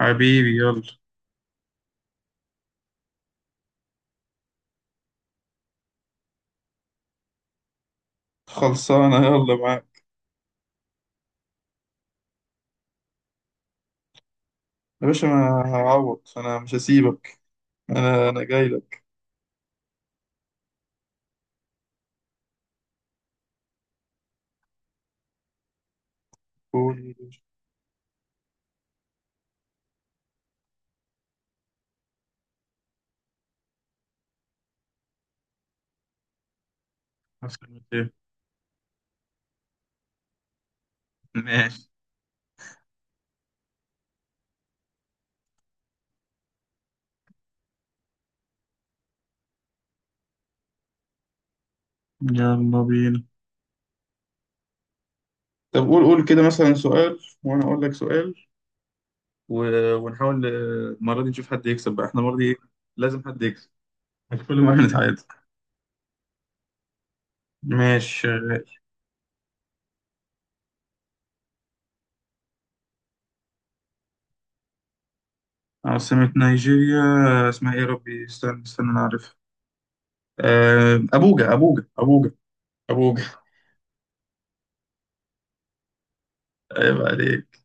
حبيبي يلا. خلصانة، يلا معاك. يا باشا أنا هعوض، أنا مش هسيبك. أنا جاي لك. قول يا باشا. هسألك إيه؟ ماشي، يلا بينا. طب قول كده مثلا سؤال وأنا أقول لك سؤال و... ونحاول المرة دي نشوف حد يكسب بقى، إحنا المرة دي إيه؟ لازم حد يكسب، كل مرة نتعادل. ماشي شغال. عاصمة نيجيريا، اسمها إيه يا ربي؟ استنى، أنا عارفها. أبوجا أبوجا. عيب عليك.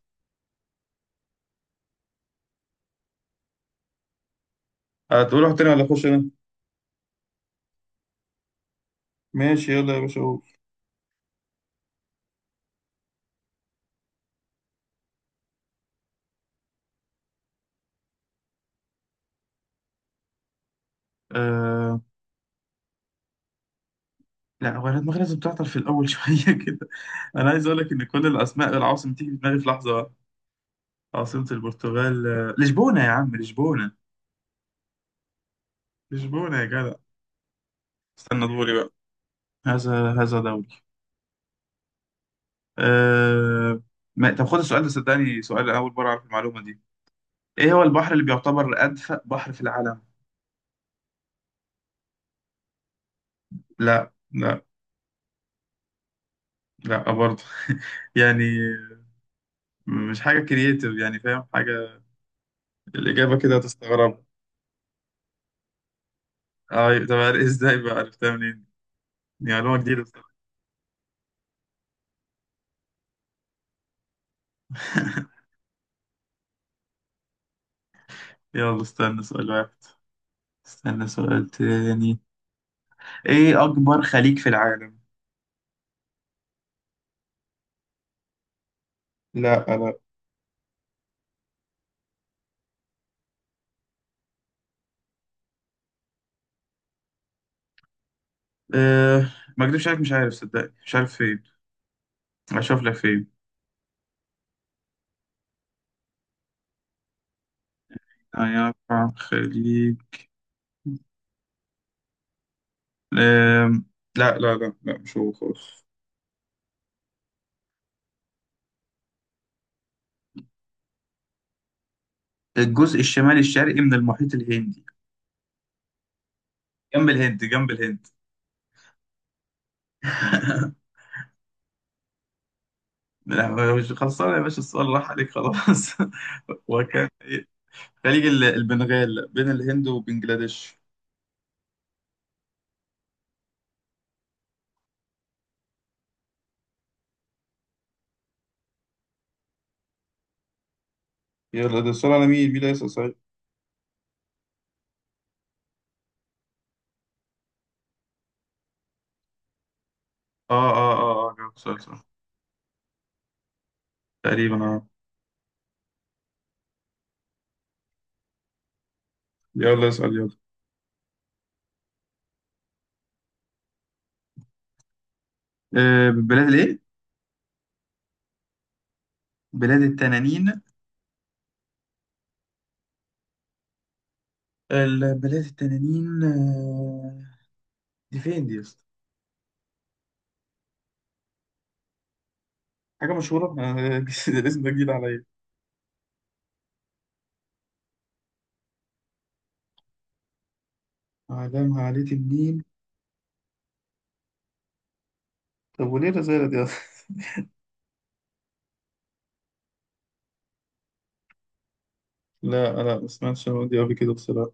هتقول واحد تاني ولا أخش أنا؟ ماشي يلا يا باشا قول. آه... لا هو انا دماغي لازم تعطل في الاول شويه كده. انا عايز اقول لك ان كل الاسماء العواصم تيجي في دماغي في لحظه واحدة. عاصمه البرتغال، لشبونه، يا عم لشبونه. لشبونه يا جدع. استنى دوري بقى. هذا دوري. آه... ما... طب خد السؤال ده، صدقني سؤال اول مره اعرف المعلومه دي. ايه هو البحر اللي بيعتبر ادفأ بحر في العالم؟ لا لا. لا برضه. يعني مش حاجه كرييتيف يعني، فاهم حاجه، الاجابه كده هتستغرب. اه طب ازاي بقى عرفتها منين؟ دي معلومة جديدة بصراحة. يلا استنى سؤال واحد. استنى سؤال تاني. ايه اكبر خليج في العالم؟ لا لا. أه ما اكدبش عليك، مش عارف صدقني، مش عارف فين. اشوف لك فين. يعني أكبر خليج. أم... لا، مش هو خالص. الجزء الشمالي الشرقي من المحيط الهندي. جنب الهند. لا مش خلصانة يا باشا، السؤال راح عليك خلاص. وكان خليج البنغال بين الهند وبنجلاديش. يلا ده السؤال على مين، مين اللي هيسأل صحيح؟ اه جاوبت سؤال صح. تقريبا اه. يلا اسأل يلا. آه، بلاد الايه؟ بلاد التنانين. البلاد التنانين. آه، دي فين دي يا اسطى؟ حاجة مشهورة. الاسم ده جديد عليا. أعلامها عليتي منين؟ طب وليه الرسالة دي أصلا؟ لا لا، ما سمعتش عن دي قبل كده بصراحة.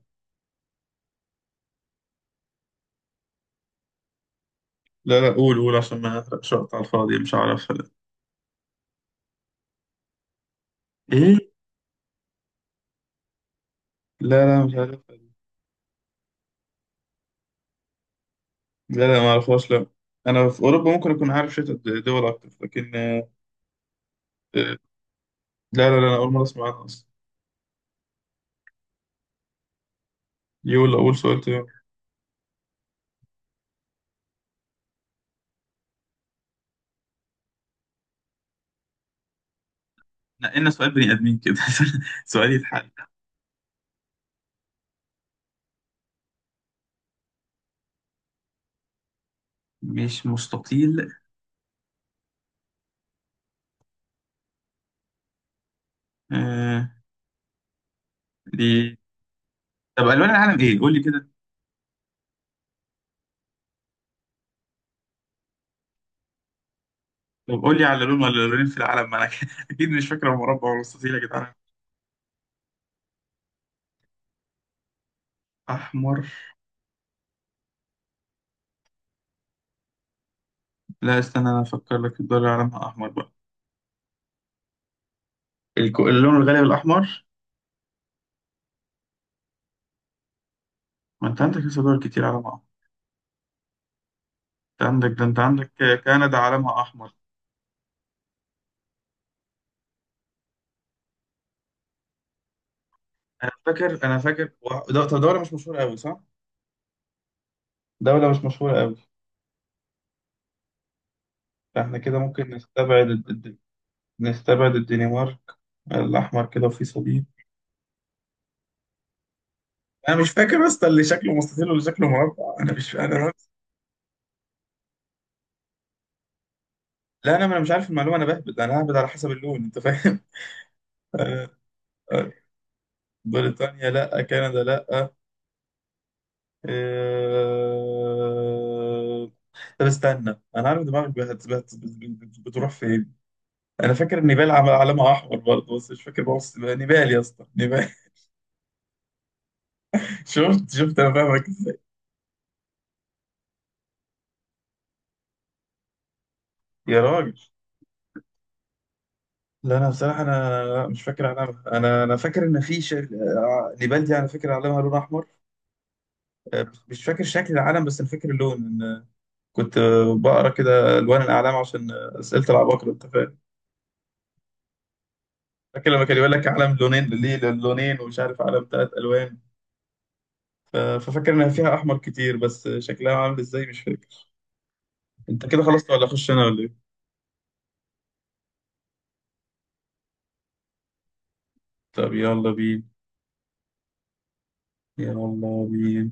لا لا، قول قول عشان ما احرقش وقت على الفاضي، مش عارفها لا. ايه؟ لا لا، مش عارفها. لا لا، ما اعرفهاش لا. انا في اوروبا ممكن اكون عارف شويه دول اكتر، لكن آه، لا، انا اول مره اسمع عنها اصلا. يقول اول سؤال تاني. نقلنا سؤال بني ادمين كده. سؤال يتحل. مش مستطيل، آه دي. طب الوان العالم ايه؟ قول لي كده. طب قول لي على لون ولا لونين في العالم، ما انا اكيد مش فاكر المربع والمستطيل يا جدعان. احمر. لا استنى، انا افكر لك الدول اللي علمها احمر بقى. اللون الغالي الاحمر. ما انت عندك لسه دول كتير علمها احمر. انت عندك ده، انت عندك. كندا علمها احمر. انا فاكر طب دولة مش مشهورة قوي صح؟ دولة مش مشهورة قوي. فاحنا كده ممكن نستبعد نستبعد الدنمارك. الاحمر كده وفي صليب. انا مش فاكر اصلا اللي شكله مستطيل واللي شكله مربع، انا مش. لا انا مش عارف المعلومه، انا بهبد، انا ههبد على حسب اللون، انت فاهم. آه. آه. بريطانيا لا، كندا لا، آه. آه، طب استنى، انا عارف دماغك بتروح فين. انا فاكر النبال عمل علامه احمر برضه، بس مش فاكر، بص بقى نبال يا اسطى نبال. شفت، انا فاهمك ازاي. يا راجل، لا انا بصراحه انا لا، مش فاكر علامه، انا فاكر ان في آه، نبال دي انا فاكر علامها لون احمر. مش فاكر شكل العلم بس انا فاكر اللون. ان كنت بقرا كده الوان الاعلام عشان اسئله العباقره، انت فاهم. فاكر لما كان يقول لك علم لونين، ليه لونين ومش عارف علم ثلاث الوان. ففاكر انها فيها احمر كتير، بس شكلها عامل ازاي مش فاكر. انت كده خلصت ولا اخش انا ولا ايه؟ طب يلا بينا. يلا بينا.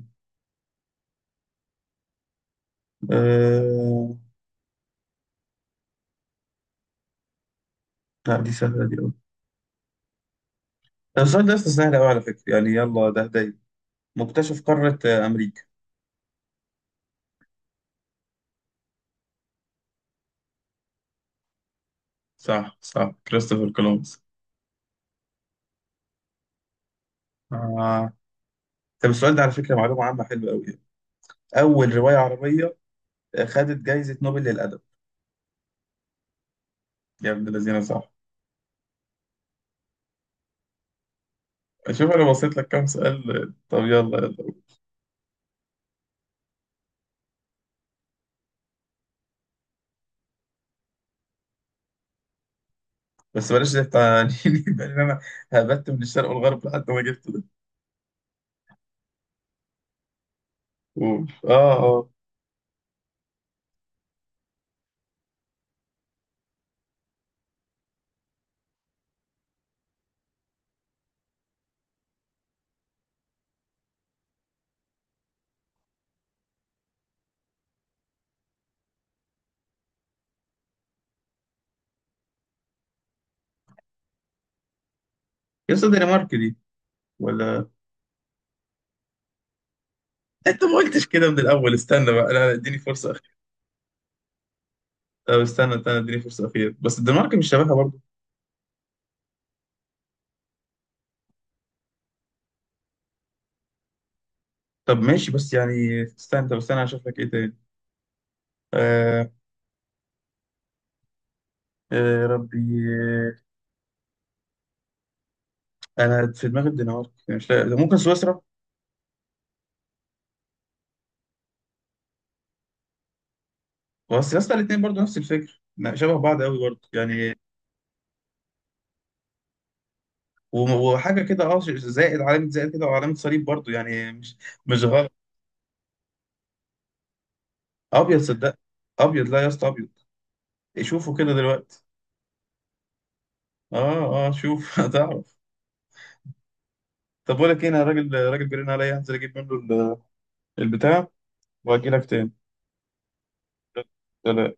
آه... لا دي سهلة دي أوي. السؤال ده أصلا سهل أوي على فكرة، يعني يلا ده هدايا. مكتشف قارة أمريكا. صح صح، كريستوفر كولومبس. آه. طب السؤال ده على فكرة معلومة عامة حلوة أوي يعني. أول رواية عربية خدت جايزة نوبل للأدب. يا ابن الذين صح. شوف أنا بصيت لك كام سؤال، طب يلا يلا. بس بلاش ده بتاع يبان إن أنا هبت من الشرق والغرب لحد ما جبت ده. قول آه آه. يا أستاذ دنمارك دي، ولا؟ انت ما قلتش كده من الاول، استنى بقى، لا لا اديني فرصه اخيره. طب استنى اديني فرصه اخيره، بس الدنمارك مش شبهها برضه. طب ماشي بس يعني استنى، طب استنى هشوف لك ايه تاني. آه، آه ربي، آه. انا في دماغي الدنمارك يعني، مش لاقي، ده ممكن سويسرا. بس يا اسطى الاثنين برضه نفس الفكر لا، شبه بعض قوي برضه يعني. وحاجه كده، اه زائد، علامه زائد كده وعلامه صليب برضه، يعني مش غلط. ابيض صدق. ابيض، لا يا اسطى ابيض. شوفوا كده دلوقتي. اه اه، شوف هتعرف. طب بقول لك ايه، انا راجل راجل جرينا عليا، هنزل اجيب منه البتاع واجي لك تاني.